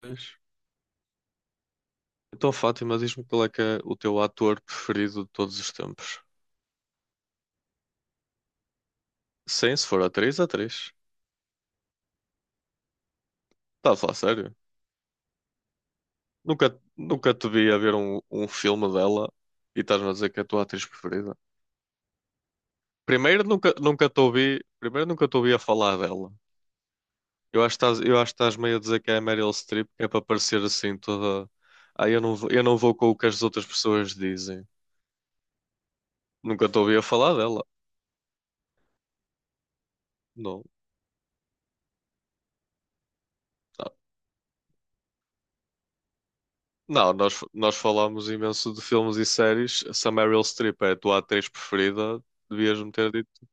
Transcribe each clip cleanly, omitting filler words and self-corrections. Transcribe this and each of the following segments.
Pois. Então, Fátima, diz-me qual é que é o teu ator preferido de todos os tempos? Sim, se for atriz, atriz. Estás a falar sério? Nunca te vi a ver um filme dela e estás-me a dizer que é a tua atriz preferida. Primeiro, nunca te ouvi, primeiro, nunca te ouvi a falar dela. Eu acho que estás meio a dizer que é a Meryl Streep, que é para parecer assim toda. Eu não vou com o que as outras pessoas dizem. Nunca te ouvi a falar dela. Não. Tá. Não, nós falámos imenso de filmes e séries. Se a Meryl Streep é a tua atriz preferida, devias-me ter dito.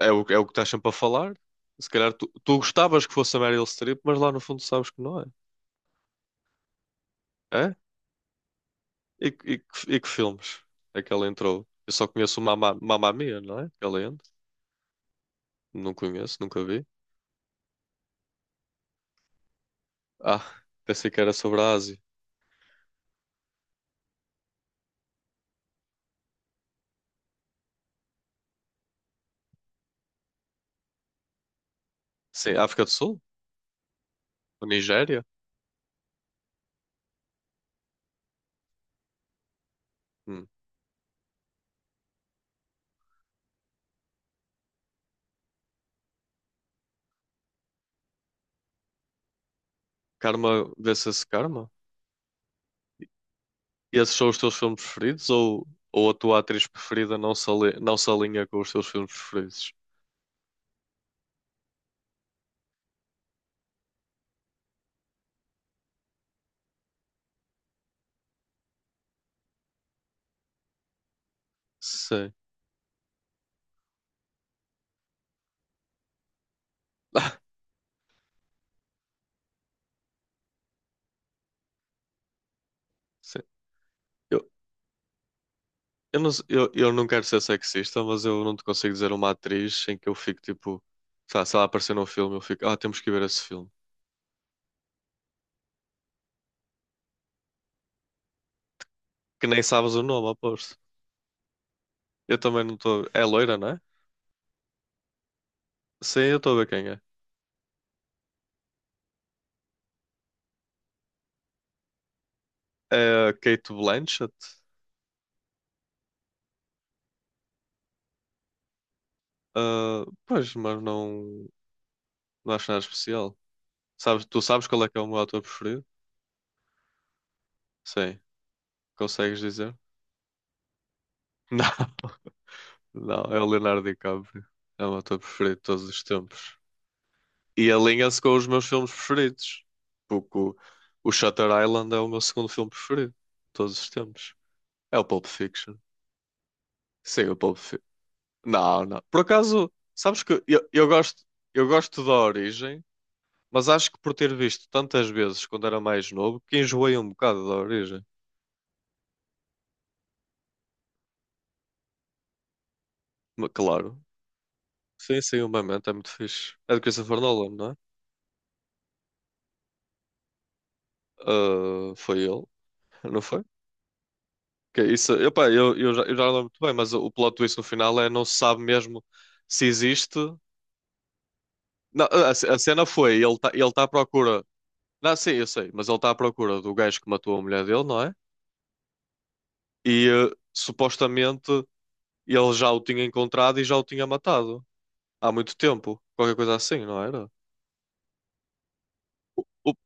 É o que estás sempre a falar. Se calhar tu gostavas que fosse a Meryl Streep, mas lá no fundo sabes que não é. É? E que filmes é que ela entrou? Eu só conheço o Mamma Mia, não é? Que ela entra. Não conheço, nunca vi. Ah, pensei que era sobre a Ásia. Sim, África do Sul? Ou Nigéria? Hum. Karma, vê-se esse Karma? E esses são os teus filmes preferidos? Ou a tua atriz preferida não se alinha com os teus filmes preferidos? Sim. Ah, sim. Eu, eu não quero ser sexista, mas eu não te consigo dizer uma atriz em que eu fico tipo, tá, se ela aparecer num filme, eu fico, ah, temos que ver esse filme. Que nem sabes o nome, aposto. Eu também não estou. É loira, não é? Sim, eu estou a ver quem é. É a Kate Blanchett. Ah, pois, mas não, não acho nada especial. Sabes, tu sabes qual é que é o meu ator preferido? Sim. Consegues dizer? Não, não, é o Leonardo DiCaprio. É o meu ator preferido de todos os tempos. E alinha-se com os meus filmes preferidos. Porque o, o Shutter Island é o meu segundo filme preferido de todos os tempos. É o Pulp Fiction. Sim, o Pulp Fiction. Não, não. Por acaso, sabes que eu gosto, eu gosto da origem, mas acho que por ter visto tantas vezes quando era mais novo, que enjoei um bocado da origem. Mas, claro. Sim, sim, o Memento é muito fixe. É de Christopher Nolan, não é? Ah, foi ele, não foi? Que isso, epá, eu já não lembro muito bem, mas o plot twist no final é não se sabe mesmo se existe. Não, a cena foi, ele tá à procura. Não, sim, eu sei, mas ele está à procura do gajo que matou a mulher dele, não é? Supostamente ele já o tinha encontrado e já o tinha matado há muito tempo, qualquer coisa assim, não era? U- up,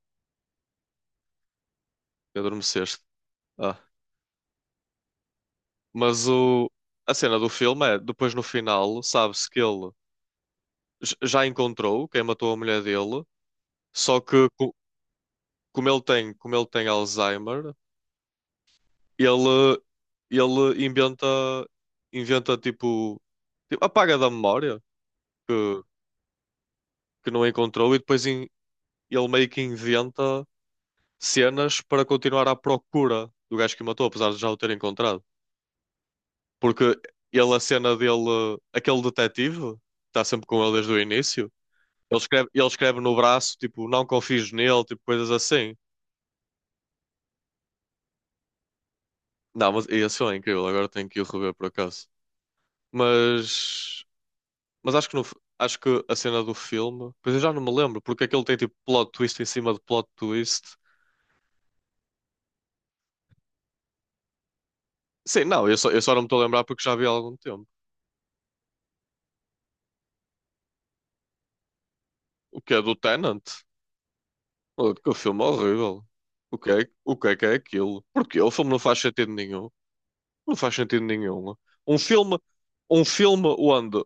Adormeceste. Ah. Mas a cena do filme é, depois no final, sabe-se que ele já encontrou quem matou a mulher dele. Só que co- Como ele tem, como ele tem Alzheimer, ele, ele inventa tipo, tipo, apaga da memória que, que não encontrou e ele meio que inventa cenas para continuar à procura do gajo que o matou, apesar de já o ter encontrado. Porque a cena dele, aquele detetive, que está sempre com ele desde o início, ele escreve no braço, tipo, não confies nele, tipo, coisas assim. Não, mas esse filme é incrível, agora tenho que ir rever por acaso. Mas. Mas acho que, no f- acho que a cena do filme, pois eu já não me lembro, porque aquilo tem tipo plot twist em cima de plot twist. Sim, não, eu só não me estou a lembrar porque já vi há algum tempo. O que é do Tenant? Oh, que filme horrível. O que é aquilo? Porque o filme não faz sentido nenhum. Não faz sentido nenhum. Um filme, Um filme onde o,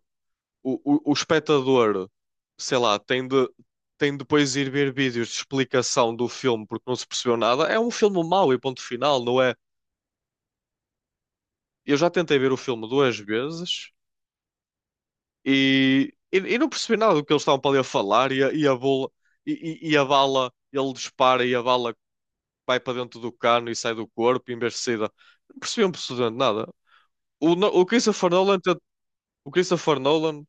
o, o espectador, sei lá, tem de depois ir ver vídeos de explicação do filme porque não se percebeu nada, é um filme mau e ponto final, não é? Eu já tentei ver o filme duas vezes e não percebi nada do que eles estavam para ali a falar e e a bola e a bala, ele dispara e a bala vai para dentro do cano e sai do corpo em vez de sair da... Não percebi absolutamente nada. O, No- o Christopher Nolan, tent- O Christopher Nolan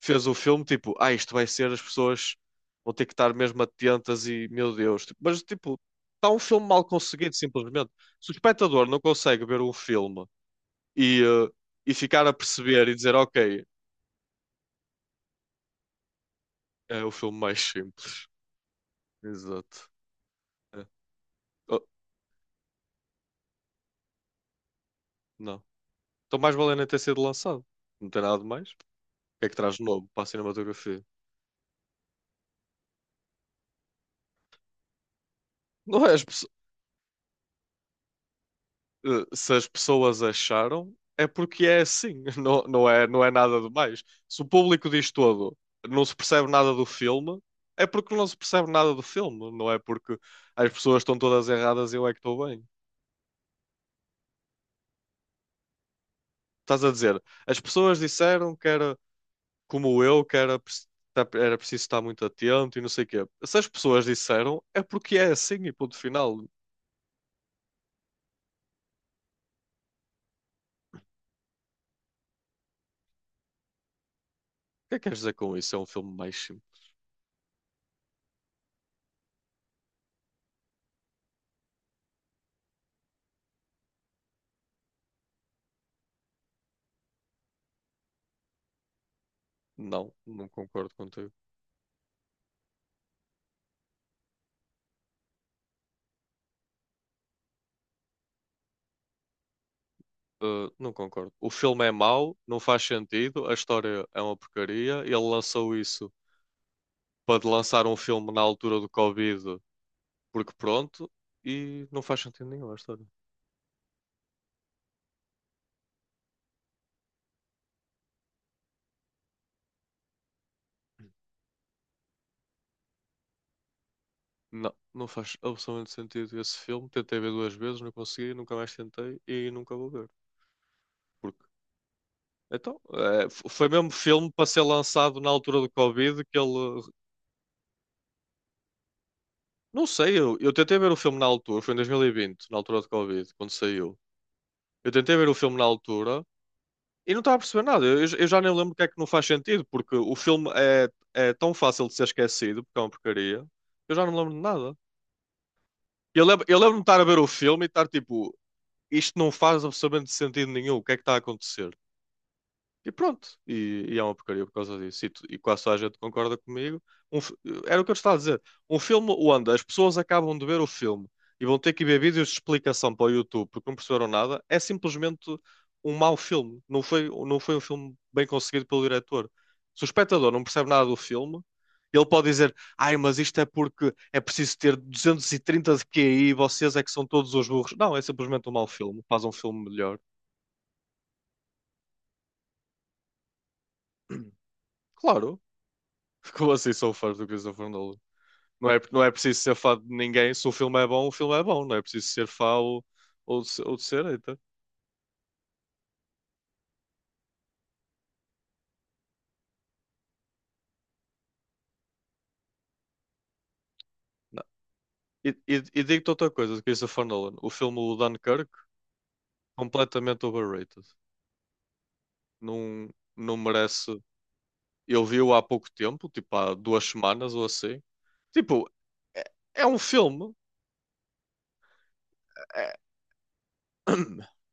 fez o filme tipo, ah, isto vai ser, as pessoas vão ter que estar mesmo atentas e, meu Deus, tipo, mas tipo, está um filme mal conseguido, simplesmente. Se o espectador não consegue ver um filme e, eh, e ficar a perceber e dizer, ok. É o filme mais simples. Exato. É. Oh, não. Então mais vale nem ter sido lançado. Não tem nada de mais. O que é que traz de novo para a cinematografia? Não é as pesso- eh, Se as pessoas acharam, é porque é assim. Não, não é nada de mais. Se o público diz todo, não se percebe nada do filme, é porque não se percebe nada do filme. Não é porque as pessoas estão todas erradas e eu é que estou bem. Estás a dizer, as pessoas disseram que era como eu, que era, preci- tá- era preciso estar muito atento e não sei o quê. Se as pessoas disseram, é porque é assim e ponto final. O que é que queres dizer com isso? É um filme mais simples. Não, não concordo contigo. Não concordo. O filme é mau, não faz sentido, a história é uma porcaria. Ele lançou isso para lançar um filme na altura do Covid, porque pronto, e não faz sentido nenhum a história. Não, não faz absolutamente sentido esse filme. Tentei ver duas vezes, não consegui, nunca mais tentei e nunca vou ver. Porque Foi mesmo filme para ser lançado na altura do Covid que ele. Não sei, eu tentei ver o filme na altura, foi em 2020, na altura do Covid, quando saiu. Eu tentei ver o filme na altura e não estava a perceber nada. Eu já nem lembro o que é que não faz sentido, porque o filme é tão fácil de ser esquecido, porque é uma porcaria. Que Eu já não lembro de nada. Eu lembro-me de estar a ver o filme e estar tipo, isto não faz absolutamente sentido nenhum, o que é que está a acontecer? E pronto, e é uma porcaria por causa disso. E quase toda a gente concorda comigo. Um fi- Era o que eu te estava a dizer. Um filme onde as pessoas acabam de ver o filme e vão ter que ver vídeos de explicação para o YouTube porque não perceberam nada, é simplesmente um mau filme. Não foi um filme bem conseguido pelo diretor. Se o espectador não percebe nada do filme, ele pode dizer: Ai, mas isto é porque é preciso ter 230 de QI e vocês é que são todos os burros. Não, é simplesmente um mau filme. Faz um filme melhor. Claro. Como assim sou fã do Christopher Nolan? Não é preciso ser fã de ninguém. Se o filme é bom, o filme é bom. Não é preciso ser fã ou de ser hater. Não. E digo-te outra coisa de Christopher Nolan. O filme o Dunkirk, completamente overrated. Não, não merece. Eu vi-o há pouco tempo, tipo há duas semanas ou assim. Tipo, é, é um filme. É-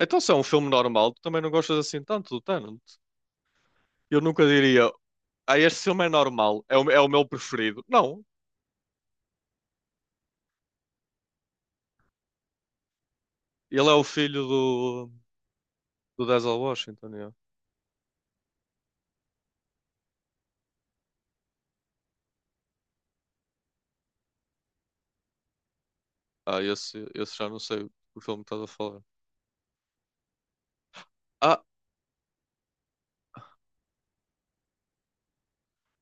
Então, se é um filme normal, tu também não gostas assim tanto do Tenant. Eu nunca diria, ah, este filme é normal, é o meu preferido. Não. Ele é o filho do, do Denzel Washington, yeah. Ah, esse já não sei o filme que estás a falar. Ah,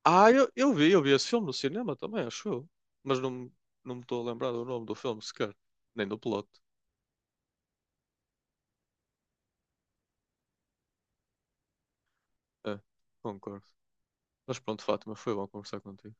eu vi esse filme no cinema também, acho eu. Mas não, me- não me estou a lembrar do nome do filme sequer, nem do plot. É, concordo. Mas pronto, Fátima, foi bom conversar contigo.